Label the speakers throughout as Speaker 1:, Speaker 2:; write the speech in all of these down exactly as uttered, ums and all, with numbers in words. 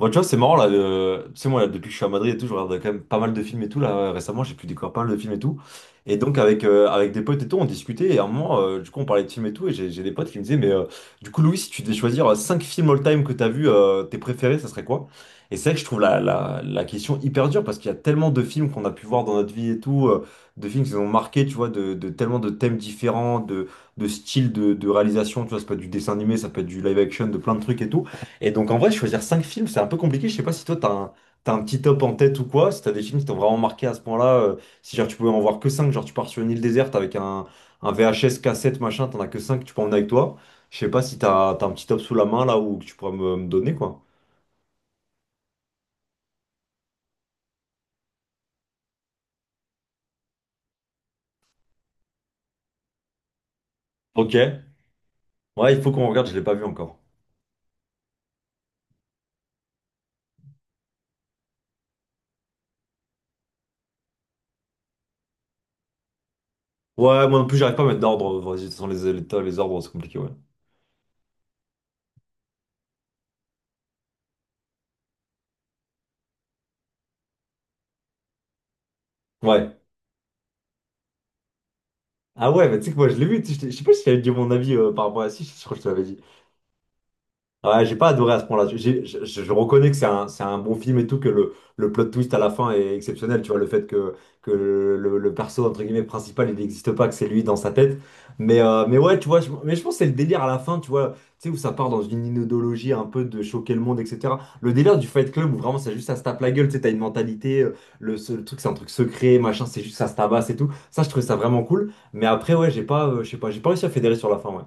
Speaker 1: Bon, tu vois, c'est marrant là. de- Tu sais, moi, là, depuis que je suis à Madrid et tout, je regarde quand même pas mal de films et tout. Là, récemment, j'ai pu découvrir pas mal de films et tout. Et donc, avec, euh, avec des potes et tout, on discutait. Et à un moment, euh, du coup, on parlait de films et tout. Et j'ai j'ai des potes qui me disaient, mais euh, du coup, Louis, si tu devais choisir euh, cinq films all-time que t'as vu, euh, tes préférés, ça serait quoi? Et c'est vrai que je trouve la, la, la question hyper dure parce qu'il y a tellement de films qu'on a pu voir dans notre vie et tout, euh, de films qui nous ont marqué, tu vois, de, de tellement de thèmes différents, de, de styles de, de réalisation. Tu vois, ça peut être du dessin animé, ça peut être du live action, de plein de trucs et tout. Et donc en vrai, choisir cinq films, c'est un peu compliqué. Je sais pas si toi, t'as un, t'as un petit top en tête ou quoi, si t'as des films qui t'ont vraiment marqué à ce point-là, euh, si genre tu pouvais en voir que cinq, genre tu pars sur une île déserte avec un, un V H S, cassette, machin, t'en as que cinq, que tu peux emmener avec toi. Je sais pas si t'as, t'as un petit top sous la main là ou que tu pourrais me, me donner quoi. Ok. Ouais, il faut qu'on regarde, je l'ai pas vu encore. Ouais, moi non plus, j'arrive pas à mettre d'ordre. Vas-y, sans les, les, les ordres, c'est compliqué, ouais. Ouais. Ah ouais, mais tu sais que moi je l'ai vu, tu sais, je t'ai- je sais pas si j'avais dit mon avis euh, par rapport à si, je crois que je te l'avais dit. Ouais, j'ai pas adoré à ce point-là. J'ai- Je, je- je reconnais que c'est un, c'est un bon film et tout, que le, le plot twist à la fin est exceptionnel. Tu vois, le fait que, que le, le perso, entre guillemets, principal, il n'existe pas, que c'est lui dans sa tête. Mais, euh, mais ouais, tu vois, je, mais je pense que c'est le délire à la fin, tu vois, tu sais, où ça part dans une inodologie un peu de choquer le monde, et cetera. Le délire du Fight Club, où vraiment, c'est juste ça se tape la gueule, tu sais, t'as une mentalité, euh, le, ce- le truc, c'est un truc secret, machin, c'est juste ça se tabasse et tout. Ça, je trouvais ça vraiment cool. Mais après, ouais, j'ai pas, euh, je sais pas, j'ai pas réussi à fédérer sur la fin, ouais.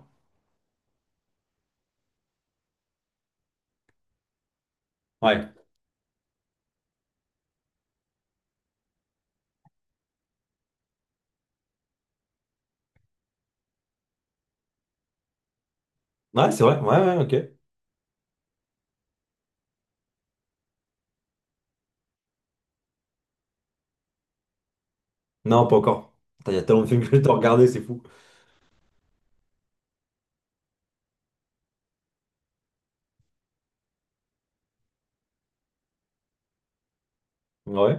Speaker 1: Ouais. Ouais, c'est vrai, ouais, ouais, ok. Non, pas encore. Putain, il y a tellement de films que j'ai regardé, c'est fou. Ouais.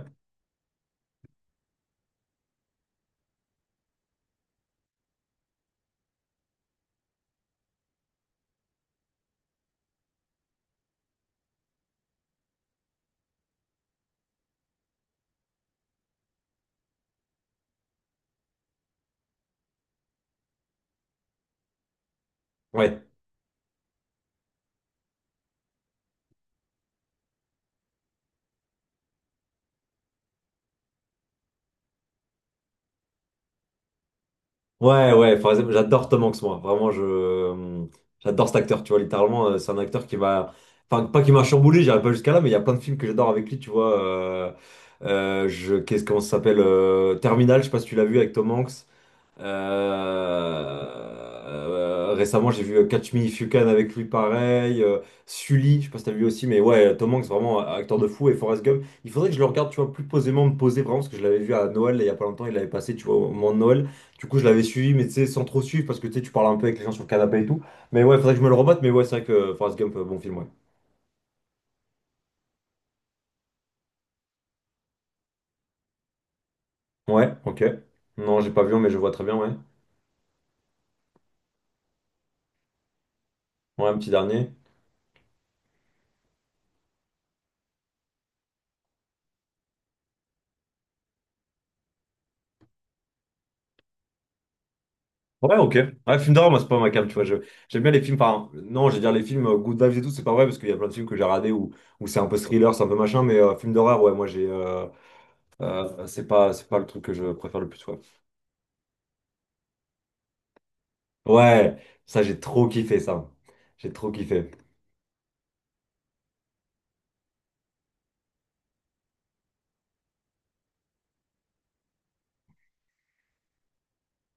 Speaker 1: Ouais. Ouais, ouais, par exemple, j'adore Tom Hanks, moi. Vraiment, je... euh, j'adore cet acteur, tu vois. Littéralement, euh, c'est un acteur qui m'a. Enfin, pas qui m'a chamboulé, j'irai pas jusqu'à là, mais il y a plein de films que j'adore avec lui, tu vois. euh, euh, je... Qu'est-ce, comment ça s'appelle euh, Terminal, je sais pas si tu l'as vu avec Tom Hanks. Euh, euh, récemment, j'ai vu euh, Catch Me If You Can avec lui, pareil. Euh, Sully, je sais pas si t'as vu aussi, mais ouais, Tom Hanks, vraiment un acteur de fou. Et Forrest Gump, il faudrait que je le regarde, tu vois, plus posément, me poser vraiment, parce que je l'avais vu à Noël, là, il y a pas longtemps, il l'avait passé, tu vois, au moment de Noël. Du coup, je l'avais suivi, mais tu sais, sans trop suivre, parce que tu sais, tu parles un peu avec les gens sur le canapé et tout. Mais ouais, faudrait que je me le remette, mais ouais, c'est vrai que Forrest Gump, euh, bon film, ouais. Ouais, ok. Non, j'ai pas vu, mais je vois très bien, ouais. Ouais, un petit dernier. Ouais, ok. Ouais, film d'horreur, moi, c'est pas ma cam, tu vois. je- J'aime bien les films, enfin, non, j'allais dire les films euh, Good Vibes et tout, c'est pas vrai, parce qu'il y a plein de films que j'ai regardés où, où c'est un peu thriller, c'est un peu machin, mais euh, film d'horreur, ouais, moi, j'ai. euh, euh, c'est pas, c'est pas le truc que je préfère le plus, ouais. Ouais, ça, j'ai trop kiffé, ça. J'ai trop kiffé.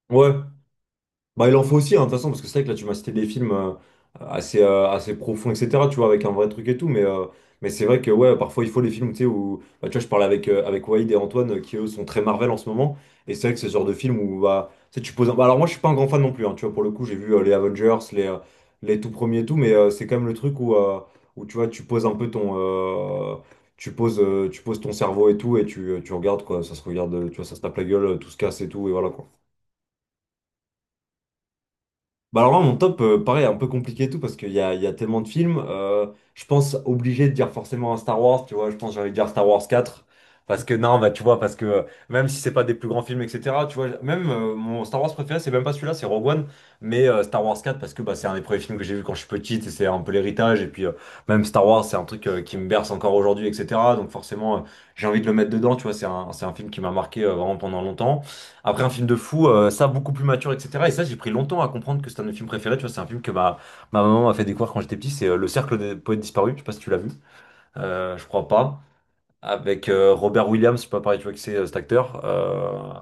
Speaker 1: Ouais. Bah, il en faut aussi, hein, de toute façon, parce que c'est vrai que là, tu m'as cité des films euh, assez, euh, assez profonds, et cetera, tu vois, avec un vrai truc et tout, mais, euh, mais c'est vrai que, ouais, parfois, il faut les films, tu sais, où, bah, tu vois, je parlais avec, euh, avec Waïd et Antoine, euh, qui, eux, sont très Marvel en ce moment, et c'est vrai que c'est ce genre de film où, bah, tu sais, tu poses un- bah, alors, moi, je suis pas un grand fan non plus, hein, tu vois, pour le coup, j'ai vu euh, les Avengers, les, euh, les tout premiers et tout, mais euh, c'est quand même le truc où, euh, où, tu vois, tu poses un peu ton... euh, tu poses, euh, tu poses ton cerveau et tout, et tu, tu regardes, quoi, ça se regarde, tu vois, ça se tape la gueule, tout se casse et tout, et voilà, quoi. Bah alors là, mon top, euh, pareil, un peu compliqué et tout, parce qu'il y a, il y a tellement de films. Euh, je pense obligé de dire forcément un Star Wars, tu vois, je pense que j'allais dire Star Wars quatre. Parce que non, bah tu vois, parce que euh, même si c'est pas des plus grands films, et cetera, tu vois, même euh, mon Star Wars préféré, c'est même pas celui-là, c'est Rogue One, mais euh, Star Wars quatre parce que bah, c'est un des premiers films que j'ai vu quand je suis petite, et c'est un peu l'héritage, et puis euh, même Star Wars, c'est un truc euh, qui me berce encore aujourd'hui, et cetera, donc forcément, euh, j'ai envie de le mettre dedans, tu vois, c'est un, c'est un film qui m'a marqué euh, vraiment pendant longtemps. Après, un film de fou, euh, ça, beaucoup plus mature, et cetera. Et ça, j'ai pris longtemps à comprendre que c'était un de mes films préférés. Tu vois, c'est un film que ma, ma maman m'a fait découvrir quand j'étais petit. C'est euh, Le Cercle des poètes disparus. Je sais pas si tu l'as vu. Euh, je crois pas, avec euh, Robert Williams, je sais pas pareil, tu vois que c'est euh, cet acteur. euh,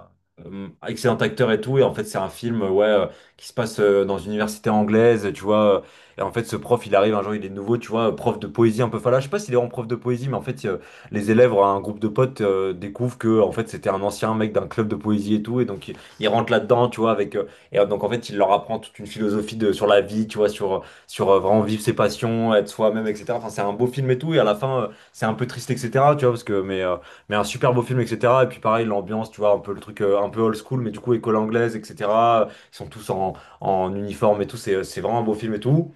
Speaker 1: euh, Excellent acteur et tout. Et en fait, c'est un film euh, ouais, euh, qui se passe euh, dans une université anglaise, tu vois. Euh, et en fait, ce prof, il arrive un jour, il est nouveau, tu vois, euh, prof de poésie un peu fala. Je sais pas s'il est en prof de poésie, mais en fait, euh, les élèves, un groupe de potes, euh, découvrent que en fait, c'était un ancien mec d'un club de poésie et tout. Et donc, il, il rentre là-dedans, tu vois, avec. Euh, et euh, donc, en fait, il leur apprend toute une philosophie de, sur la vie, tu vois, sur, sur euh, vraiment vivre ses passions, être soi-même, et cetera. Enfin, c'est un beau film et tout. Et à la fin, euh, c'est un peu triste, et cetera. Tu vois, parce que, mais, euh, mais un super beau film, et cetera. Et puis pareil, l'ambiance, tu vois, un peu le truc euh, un peu old school, mais du coup, école anglaise, et cetera. Ils sont tous en, en uniforme et tout, c'est euh, c'est vraiment un beau film et tout.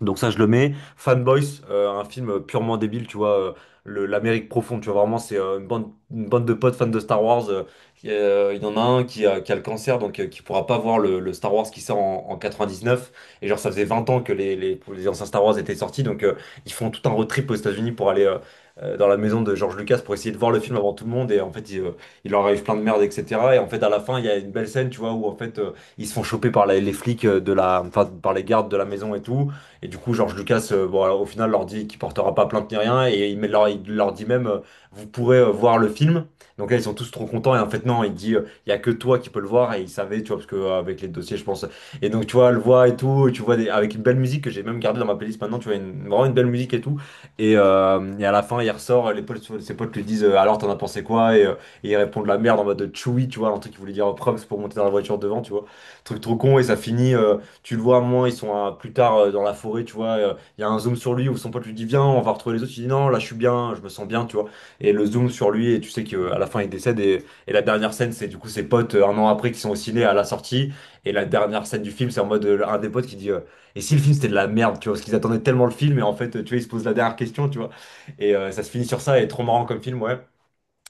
Speaker 1: Donc ça, je le mets. Fanboys, euh, un film purement débile, tu vois, euh, le- l'Amérique profonde, tu vois, vraiment, c'est euh, une bande, une bande de potes fans de Star Wars. Euh, qui, euh, il y en a un qui a, qui a le cancer, donc euh, qui pourra pas voir le, le Star Wars qui sort en, en quatre-vingt-dix-neuf. Et genre, ça faisait vingt ans que les, les, les anciens Star Wars étaient sortis, donc euh, ils font tout un road trip aux États-Unis pour aller euh, euh, dans la maison de George Lucas pour essayer de voir le film avant tout le monde. Et en fait, il, euh, il leur arrive plein de merde, et cetera. Et en fait, à la fin, il y a une belle scène, tu vois, où en fait, euh, ils se font choper par la- les flics euh, de la, enfin, par les gardes de la maison et tout. Et du coup, George Lucas, euh, bon, alors, au final, leur dit qu'il portera pas plainte ni rien, et il, met- leur, il leur dit même, euh, vous pourrez euh, voir le film. Donc là, ils sont tous trop contents, et en fait, non, il dit, euh, il y a que toi qui peux le voir, et il savait, tu vois, parce que euh, avec les dossiers, je pense. Et donc, tu vois, le voit et tout, et tu vois, des- avec une belle musique que j'ai même gardée dans ma playlist maintenant, tu vois, une, vraiment une belle musique et tout. Et, euh, et à la fin, il ressort, les potes, ses potes lui disent, euh, alors, t'en as pensé quoi? Et, euh, et il répond la merde en mode euh, Chewie, tu vois, un truc qu'il voulait dire props pour monter dans la voiture devant, tu vois. Truc trop con, et ça finit. Euh, tu le vois à un moment, ils sont euh, plus tard euh, dans la forêt, tu vois, euh, il y a un zoom sur lui où son pote lui dit viens, on va retrouver les autres, il dit non, là je suis bien, je me sens bien, tu vois. Et le zoom sur lui, et tu sais qu'à la fin il décède, et, et la dernière scène, c'est du coup ses potes euh, un an après qui sont au ciné à la sortie, et la dernière scène du film, c'est en mode euh, un des potes qui dit euh, et si le film c'était de la merde, tu vois, parce qu'ils attendaient tellement le film, et en fait, euh, tu vois, ils se posent la dernière question, tu vois. Et euh, ça se finit sur ça, et trop marrant comme film, ouais.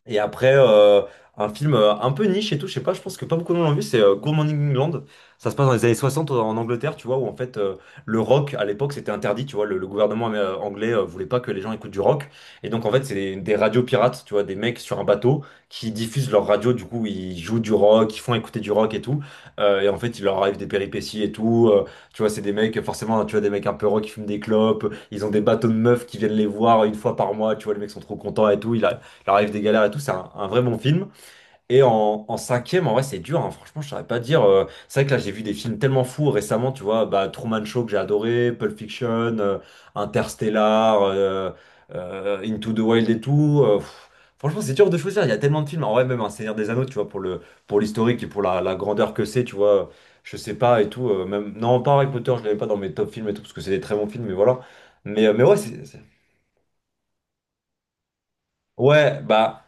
Speaker 1: Et après, euh, un film euh, un peu niche et tout, je sais pas, je pense que pas beaucoup de monde l'ont vu, c'est euh, Good Morning England. Ça se passe dans les années soixante euh, en Angleterre, tu vois, où en fait euh, le rock à l'époque c'était interdit, tu vois, le, le gouvernement euh, anglais euh, voulait pas que les gens écoutent du rock. Et donc en fait, c'est des, des radios pirates, tu vois, des mecs sur un bateau qui diffusent leur radio, du coup ils jouent du rock, ils font écouter du rock et tout. Euh, et en fait, il leur arrive des péripéties et tout. Euh, tu vois, c'est des mecs, forcément, tu vois, des mecs un peu rock qui fument des clopes, ils ont des bateaux de meufs qui viennent les voir une fois par mois, tu vois, les mecs sont trop contents et tout. Il a- qui leur arrive des galères et tout. C'est un, un vrai bon film. Et en, en cinquième, en vrai, c'est dur. Hein. Franchement, je saurais pas dire. Euh, c'est vrai que là, j'ai vu des films tellement fous récemment. Tu vois, bah, Truman Show que j'ai adoré, Pulp Fiction, euh, Interstellar, euh, euh, Into the Wild et tout. euh, pff, Franchement, c'est dur de choisir. Il y a tellement de films. En vrai, même un Seigneur des Anneaux, tu vois, pour le, pour l'historique et pour la, la grandeur que c'est, tu vois, je sais pas et tout. Euh, même, non, pas Harry Potter, je l'avais pas dans mes top films et tout, parce que c'est des très bons films, mais voilà. Mais, euh, mais ouais, c'est- c'est- ouais, bah,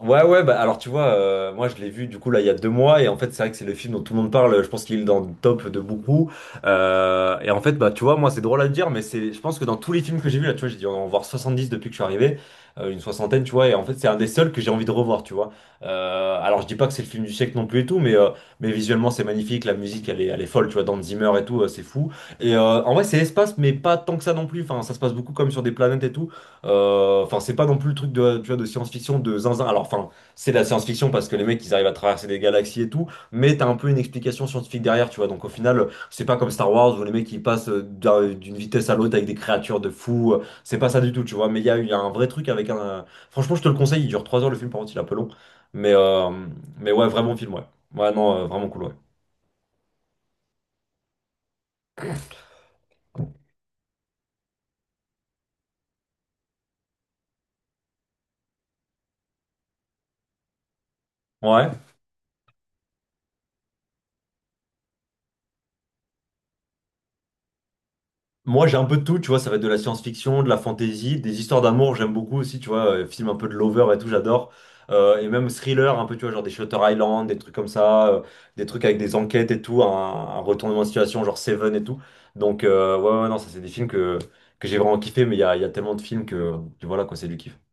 Speaker 1: ouais, ouais, bah alors tu vois, euh, moi je l'ai vu du coup là il y a deux mois, et en fait c'est vrai que c'est le film dont tout le monde parle, je pense qu'il est dans le top de beaucoup. Euh, et en fait, bah tu vois, moi c'est drôle à dire, mais c'est, je pense que dans tous les films que j'ai vu là, tu vois, j'ai dû en voir soixante-dix depuis que je suis arrivé, euh, une soixantaine, tu vois, et en fait c'est un des seuls que j'ai envie de revoir, tu vois. Euh, alors je dis pas que c'est le film du siècle non plus et tout, mais, euh, mais visuellement c'est magnifique, la musique elle est, elle est folle, tu vois, Dans Zimmer et tout, euh, c'est fou. Et euh, en vrai c'est l'espace, mais pas tant que ça non plus, enfin ça se passe beaucoup comme sur des planètes et tout. Euh, Enfin, c'est pas non plus le truc de, tu vois, de science-fiction de zinzin. Alors, enfin, c'est de la science-fiction parce que les mecs, ils arrivent à traverser des galaxies et tout, mais t'as un peu une explication scientifique derrière, tu vois. Donc, au final, c'est pas comme Star Wars où les mecs, ils passent euh, d'un- d'une vitesse à l'autre avec des créatures de fous. euh, C'est pas ça du tout, tu vois. Mais il y a, il y a un vrai truc avec un. Franchement, je te le conseille, il dure trois heures le film, par contre, il est un peu long. Mais, euh, mais ouais, vraiment film, ouais. Ouais, non, euh, vraiment cool, ouais. Ouais. Moi, j'ai un peu de tout, tu vois, ça va être de la science-fiction, de la fantasy, des histoires d'amour, j'aime beaucoup aussi, tu vois, euh, film un peu de lover et tout, j'adore. Euh, et même thriller, un peu, tu vois, genre des Shutter Island, des trucs comme ça, euh, des trucs avec des enquêtes et tout, un, un retournement de situation, genre Seven et tout. Donc, euh, ouais, ouais, non, ça, c'est des films que, que j'ai vraiment kiffé, mais il y a, il y a tellement de films que, que voilà, quoi, c'est du kiff.